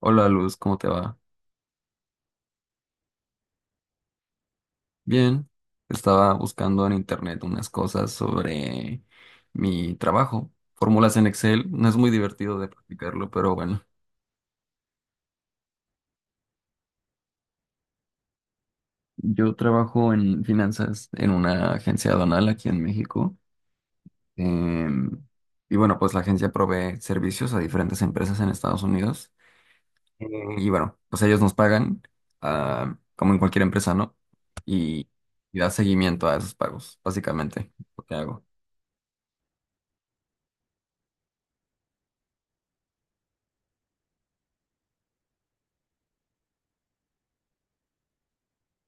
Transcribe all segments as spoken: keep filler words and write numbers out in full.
Hola Luz, ¿cómo te va? Bien, estaba buscando en internet unas cosas sobre mi trabajo. Fórmulas en Excel, no es muy divertido de practicarlo, pero bueno. Yo trabajo en finanzas en una agencia aduanal aquí en México. Em, y bueno, pues la agencia provee servicios a diferentes empresas en Estados Unidos. Eh, y bueno, pues ellos nos pagan, ah, como en cualquier empresa, ¿no? Y, y da seguimiento a esos pagos, básicamente, lo que hago.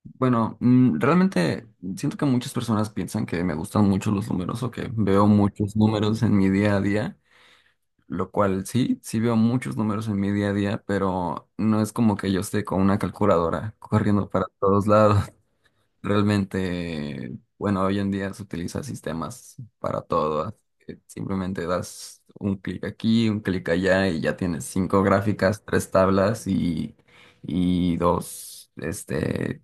Bueno, mm, realmente siento que muchas personas piensan que me gustan mucho los números o que veo muchos números en mi día a día, lo cual sí, sí veo muchos números en mi día a día, pero no es como que yo esté con una calculadora corriendo para todos lados. Realmente, bueno, hoy en día se utilizan sistemas para todo. Así que simplemente das un clic aquí, un clic allá y ya tienes cinco gráficas, tres tablas y, y dos, este,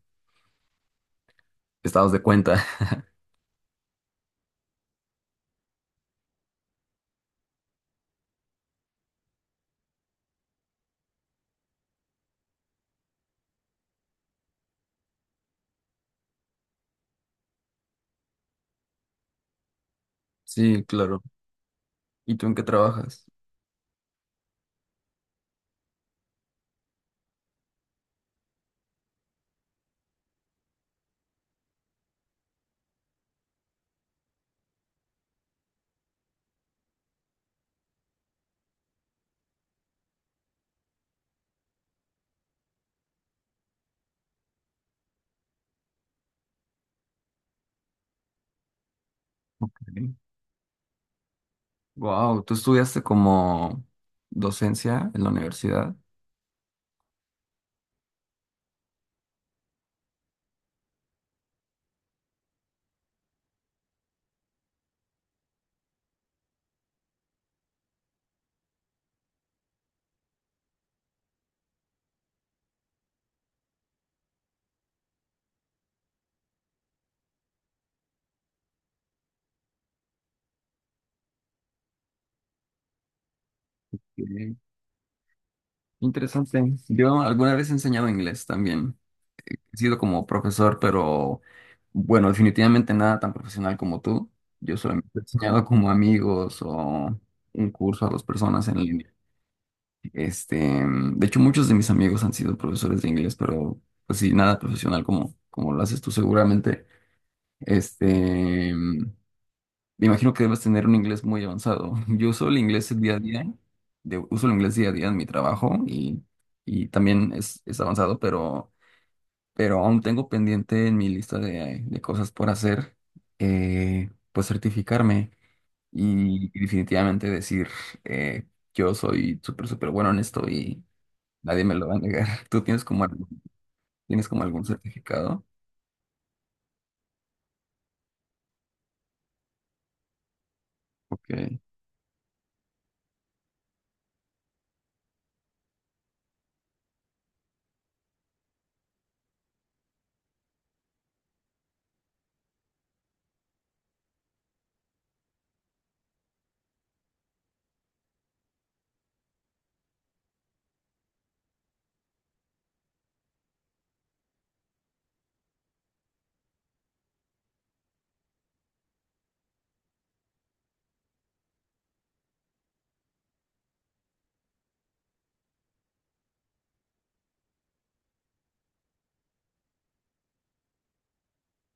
estados de cuenta. Sí, claro. ¿Y tú en qué trabajas? Wow, tú estudiaste como docencia en la universidad. Ok. Interesante. Yo alguna vez he enseñado inglés también. He sido como profesor, pero bueno, definitivamente nada tan profesional como tú. Yo solamente he enseñado como amigos o un curso a dos personas en línea. Este, mm, de hecho, muchos de mis amigos han sido profesores de inglés, pero pues sí, nada profesional como, como lo haces tú seguramente. Este, mm, me imagino que debes tener un inglés muy avanzado. Yo uso el inglés día a día, de- uso el inglés día a día en mi trabajo y, y también es, es avanzado, pero, pero aún tengo pendiente en mi lista de, de cosas por hacer, eh, pues certificarme y definitivamente decir, eh, yo soy súper, súper bueno en esto y nadie me lo va a negar. ¿Tú tienes como algún, tienes como algún certificado? Ok.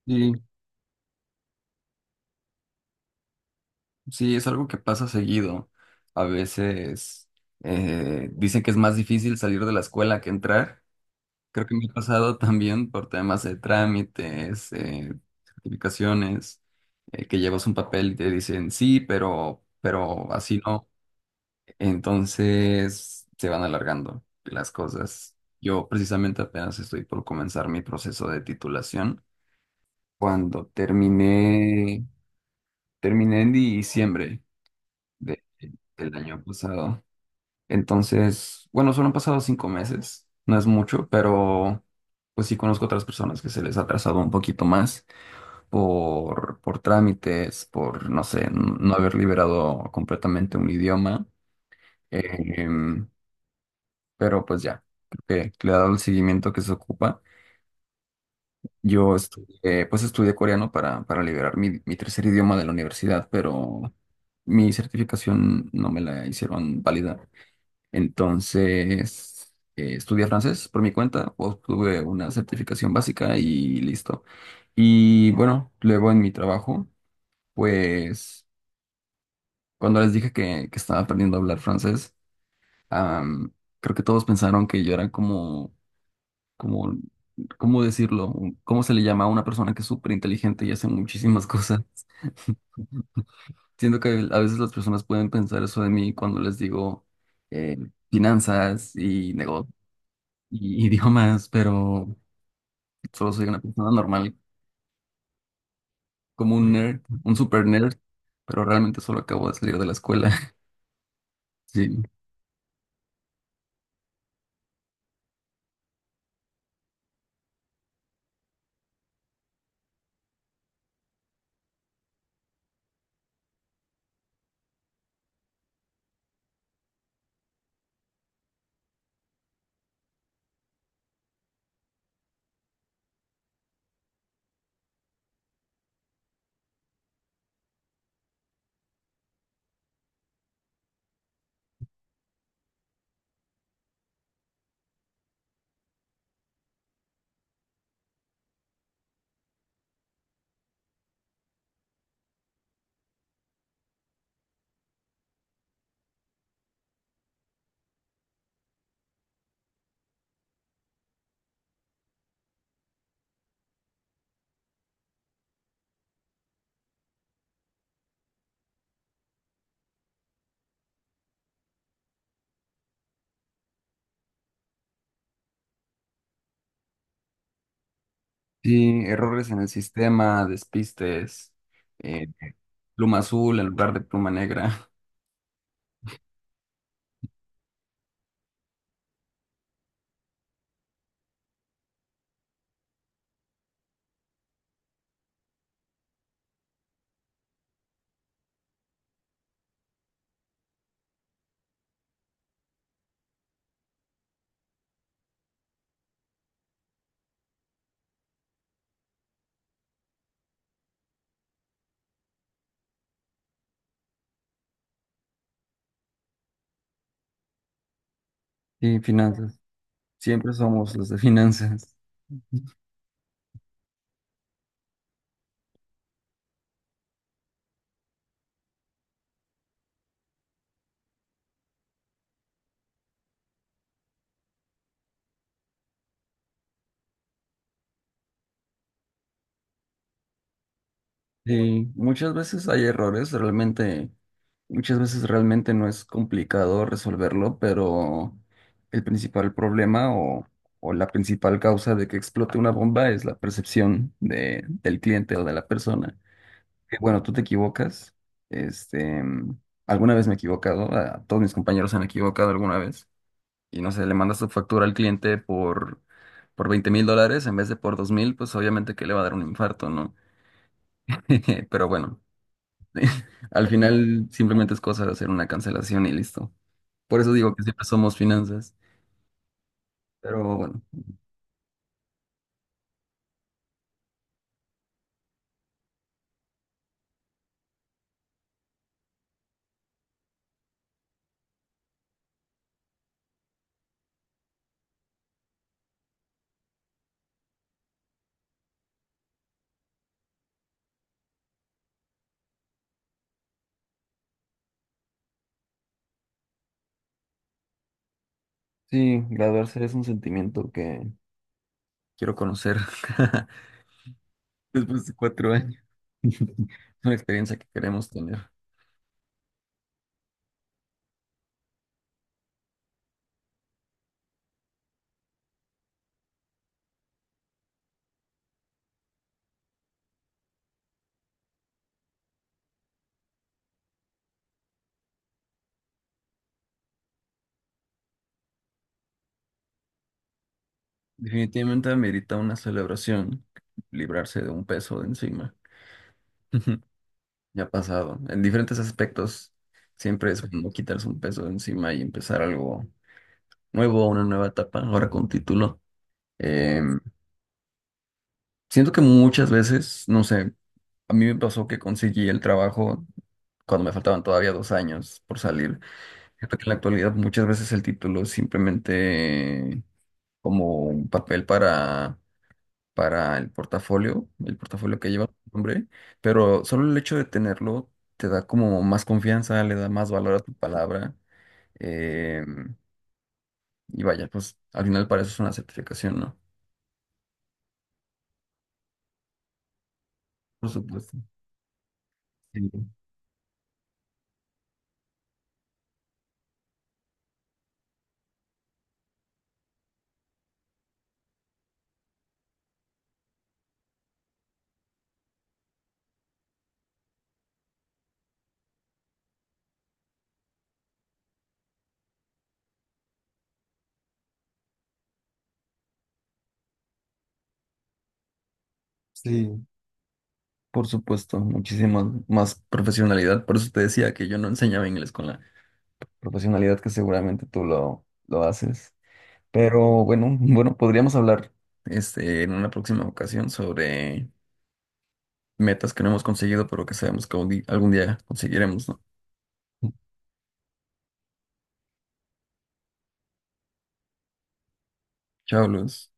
Sí. Sí, es algo que pasa seguido. A veces eh, dicen que es más difícil salir de la escuela que entrar. Creo que me ha pasado también por temas de trámites, eh, certificaciones, eh, que llevas un papel y te dicen sí, pero, pero así no. Entonces se van alargando las cosas. Yo precisamente apenas estoy por comenzar mi proceso de titulación. Cuando terminé, terminé en diciembre de- del año pasado. Entonces, bueno, solo han pasado cinco meses, no es mucho, pero pues sí conozco otras personas que se les ha atrasado un poquito más por, por trámites, por, no sé, n- no haber liberado completamente un idioma. Em, pero pues ya, creo que le he dado el seguimiento que se ocupa. Yo estudié, pues estudié coreano para, para liberar mi, mi tercer idioma de la universidad, pero mi certificación no me la hicieron válida. Entonces, eh, estudié francés por mi cuenta, obtuve una certificación básica y listo. Y bueno, luego en mi trabajo, pues cuando les dije que, que estaba aprendiendo a hablar francés, am, creo que todos pensaron que yo era como, como, ¿cómo decirlo? Un- ¿Cómo se le llama a una persona que es súper inteligente y hace muchísimas cosas? Siento que a veces las personas pueden pensar eso de mí cuando les digo eh, finanzas y negocios y idiomas, pero solo soy una persona normal, como un nerd, un super nerd, pero realmente solo acabo de salir de la escuela. Sí, sí, errores en el sistema, despistes, eh, pluma azul en lugar de pluma negra. Sí, finanzas. Siempre somos los de finanzas. Sí, muchas veces hay errores, realmente, muchas veces realmente no es complicado resolverlo, pero el principal problema o, o la principal causa de que explote una bomba es la percepción de, del cliente o de la persona. Que, bueno, tú te equivocas, este, alguna vez me he equivocado, a todos mis compañeros se han equivocado alguna vez, y no sé, le mandas tu factura al cliente por, por veinte mil dólares en vez de por dos mil, pues obviamente que le va a dar un infarto, ¿no? Pero bueno. Al final simplemente es cosa de hacer una cancelación y listo. Por eso digo que siempre somos finanzas. Pero bueno, sí, graduarse es un sentimiento que quiero conocer después de cuatro años. Es una experiencia que queremos tener. Definitivamente amerita una celebración, librarse de un peso de encima. Ya ha pasado. En diferentes aspectos, siempre es bueno quitarse un peso de encima y empezar algo nuevo, una nueva etapa, ahora con título. Em, Siento que muchas veces, no sé, a mí me pasó que conseguí el trabajo cuando me faltaban todavía dos años por salir. Siento que en la actualidad muchas veces el título es simplemente como un papel para, para el portafolio, el portafolio que lleva tu nombre, pero solo el hecho de tenerlo te da como más confianza, le da más valor a tu palabra. eh, y vaya, pues al final para eso es una certificación, ¿no? Por supuesto. Sí. Sí. Por supuesto, muchísima más profesionalidad. Por eso te decía que yo no enseñaba inglés con la profesionalidad que seguramente tú lo, lo haces. Pero bueno, bueno, podríamos hablar este, en una próxima ocasión sobre metas que no hemos conseguido, pero que sabemos que un di- algún día conseguiremos, ¿no? Chao, Luz.